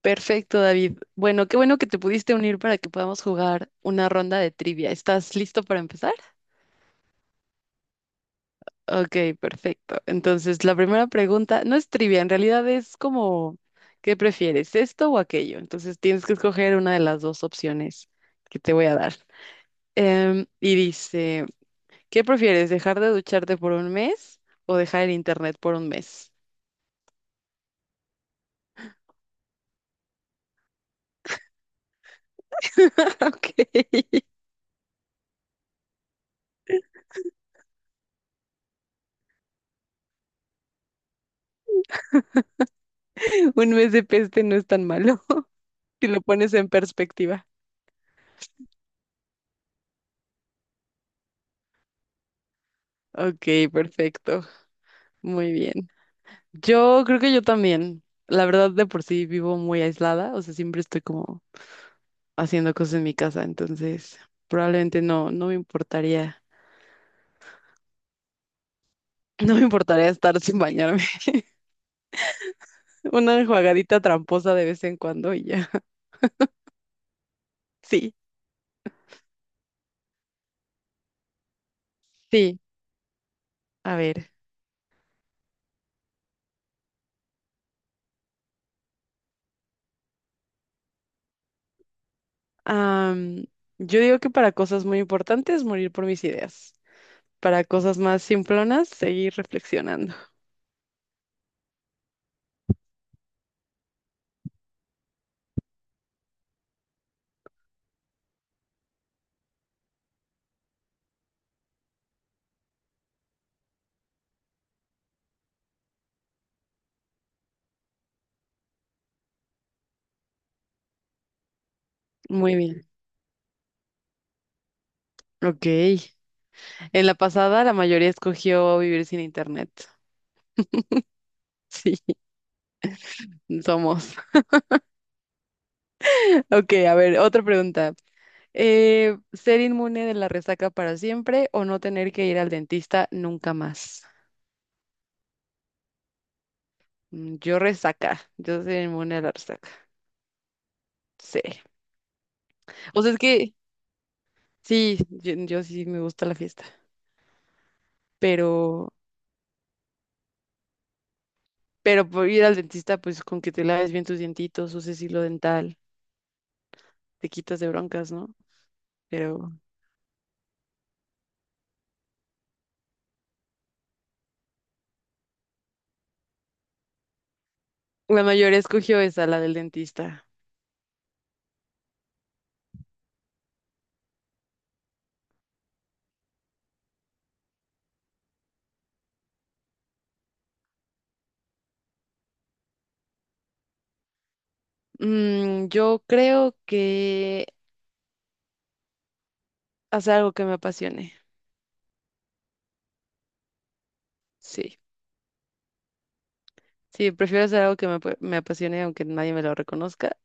Perfecto, David. Bueno, qué bueno que te pudiste unir para que podamos jugar una ronda de trivia. ¿Estás listo para empezar? Ok, perfecto. Entonces, la primera pregunta no es trivia, en realidad es como, ¿qué prefieres, esto o aquello? Entonces, tienes que escoger una de las dos opciones que te voy a dar. Y dice, ¿qué prefieres, dejar de ducharte por un mes o dejar el internet por un mes? Ok, un mes de peste no es tan malo si lo pones en perspectiva. Ok, perfecto. Muy bien. Yo creo que yo también. La verdad, de por sí vivo muy aislada, o sea, siempre estoy como haciendo cosas en mi casa, entonces probablemente no me importaría, no me importaría estar sin bañarme. Una enjuagadita tramposa de vez en cuando y ya. Sí, sí. A ver. am, yo digo que para cosas muy importantes, morir por mis ideas. Para cosas más simplonas, seguir reflexionando. Muy bien. Ok. En la pasada, la mayoría escogió vivir sin internet. Sí. Somos. Ok, a ver, otra pregunta. ¿Ser inmune de la resaca para siempre o no tener que ir al dentista nunca más? Mm, yo resaca, yo soy inmune a la resaca. Sí. O sea, es que sí, yo sí me gusta la fiesta, pero, pero por ir al dentista, pues con que te laves bien tus dientitos, uses hilo dental, te quitas de broncas, ¿no? Pero la mayoría escogió esa, la del dentista. Mm, yo creo que hacer algo que me apasione. Sí. Sí, prefiero hacer algo que me, me apasione aunque nadie me lo reconozca,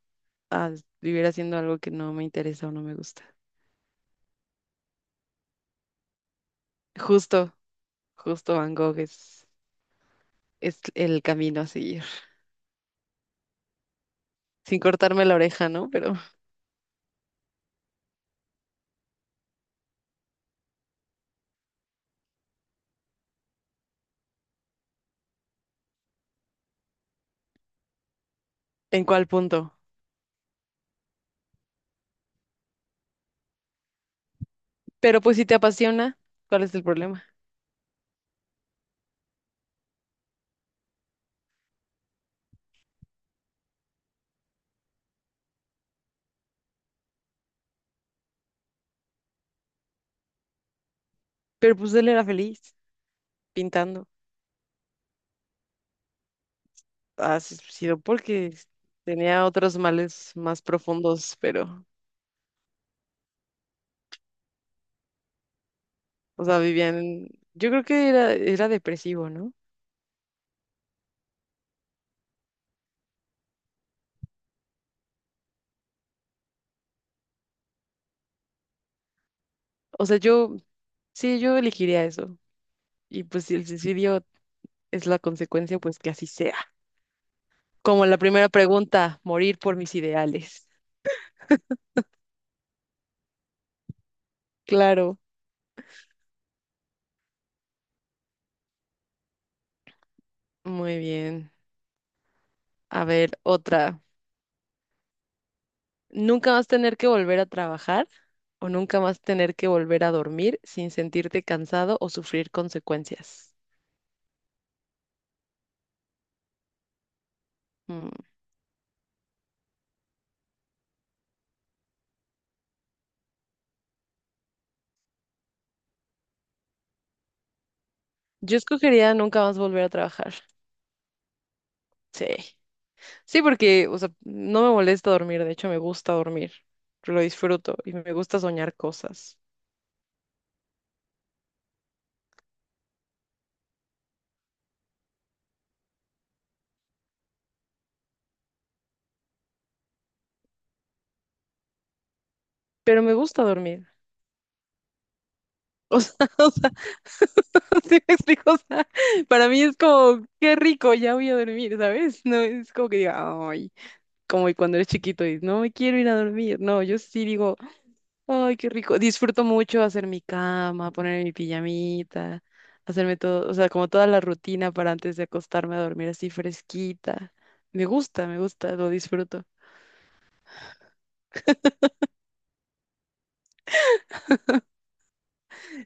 a vivir haciendo algo que no me interesa o no me gusta. Justo, justo Van Gogh es el camino a seguir. Sin cortarme la oreja, ¿no? Pero ¿en cuál punto? Pero pues si te apasiona, ¿cuál es el problema? Pero pues él era feliz pintando. Ha sido porque tenía otros males más profundos, pero, o sea, vivían... Yo creo que era, era depresivo, ¿no? O sea, yo, sí, yo elegiría eso. Y pues si el suicidio es la consecuencia, pues que así sea. Como la primera pregunta, morir por mis ideales. Claro, muy bien. A ver, otra. ¿Nunca vas a tener que volver a trabajar o nunca vas a tener que volver a dormir sin sentirte cansado o sufrir consecuencias? Mm, yo escogería nunca más volver a trabajar. Sí. Sí, porque, o sea, no me molesta dormir, de hecho me gusta dormir. Lo disfruto y me gusta soñar cosas. Pero me gusta dormir. O sea, o sea, ¿sí me explico? O sea, para mí es como, qué rico, ya voy a dormir, ¿sabes? No es como que diga, ay, como cuando eres chiquito y no me quiero ir a dormir. No, yo sí digo, ay, qué rico. Disfruto mucho hacer mi cama, poner mi pijamita, hacerme todo, o sea, como toda la rutina para antes de acostarme a dormir así fresquita. Me gusta, lo disfruto.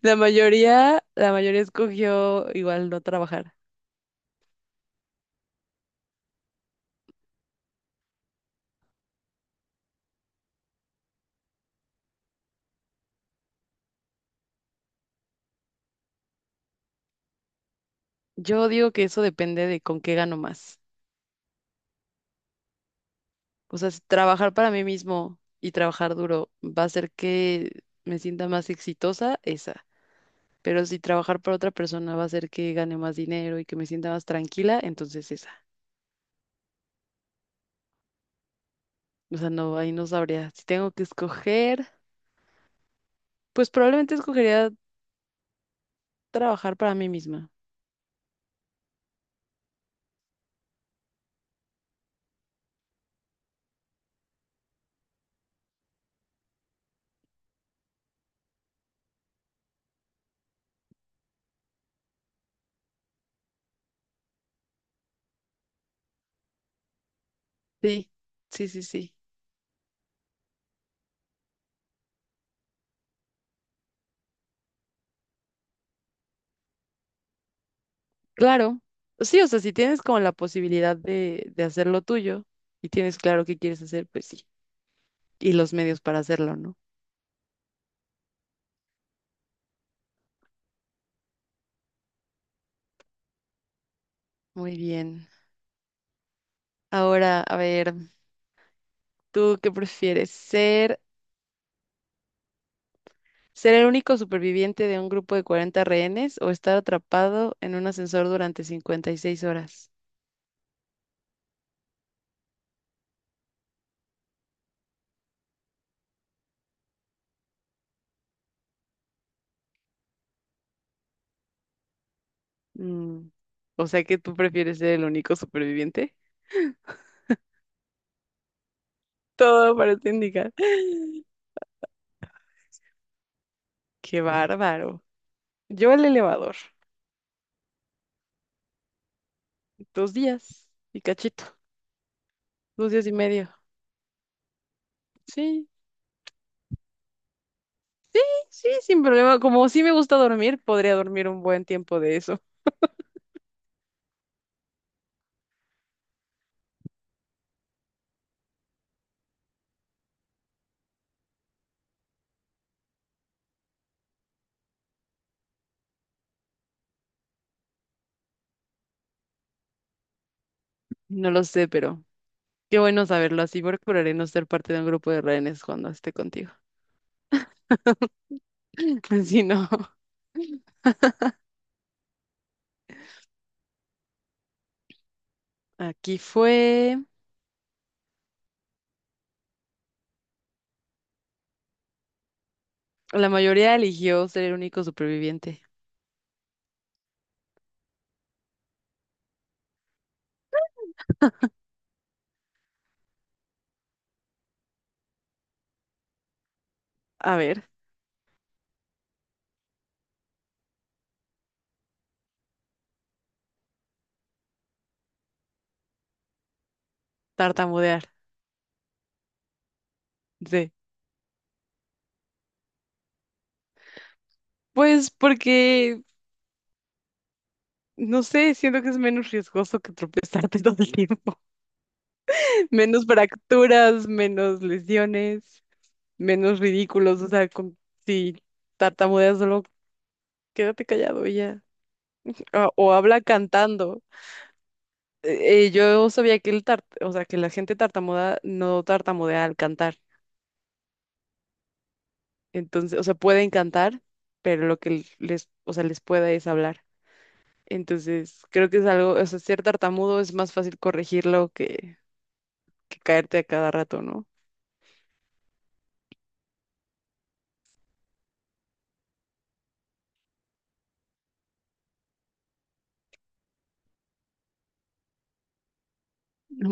La mayoría escogió igual no trabajar. Yo digo que eso depende de con qué gano más. O sea, si trabajar para mí mismo y trabajar duro va a hacer que me sienta más exitosa, esa. Pero si trabajar para otra persona va a hacer que gane más dinero y que me sienta más tranquila, entonces esa. O sea, no, ahí no sabría. Si tengo que escoger, pues probablemente escogería trabajar para mí misma. Sí, sí. Claro. Sí, o sea, si tienes como la posibilidad de hacer lo tuyo y tienes claro qué quieres hacer, pues sí. Y los medios para hacerlo, ¿no? Muy bien. Ahora, a ver. ¿Tú qué prefieres? ¿Ser el único superviviente de un grupo de 40 rehenes o estar atrapado en un ascensor durante 56 horas? Mm, o sea que tú prefieres ser el único superviviente. Todo parece indicar. Qué bárbaro. Yo el elevador. Dos días y cachito. Dos días y medio. Sí, sí, sin problema. Como sí me gusta dormir, podría dormir un buen tiempo de eso. No lo sé, pero qué bueno saberlo. Así procuraré no ser parte de un grupo de rehenes cuando esté contigo. Si no, aquí fue. La mayoría eligió ser el único superviviente. A ver, tartamudear. Sí. Pues porque, no sé, siento que es menos riesgoso que tropezarte todo el tiempo. Menos fracturas, menos lesiones, menos ridículos. O sea, si tartamudeas solo quédate callado y ya. O habla cantando. Yo sabía que o sea, que la gente tartamuda no tartamudea al cantar. Entonces, o sea, pueden cantar, pero lo que les, o sea, les pueda es hablar. Entonces, creo que es algo, o sea, ser tartamudo es más fácil corregirlo que caerte a cada rato, ¿no?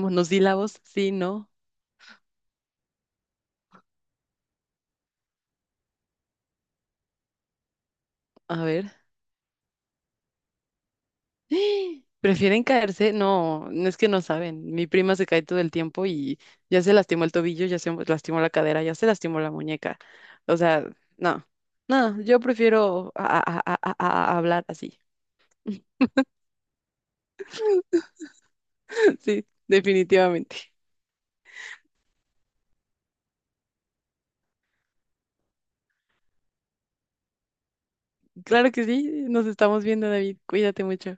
Monosílabos, sí, no. A ver. ¿Prefieren caerse? No, no es que no saben. Mi prima se cae todo el tiempo y ya se lastimó el tobillo, ya se lastimó la cadera, ya se lastimó la muñeca. O sea, no, no, yo prefiero a hablar así. Sí, definitivamente. Claro que sí, nos estamos viendo, David. Cuídate mucho.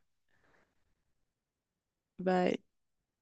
Bye.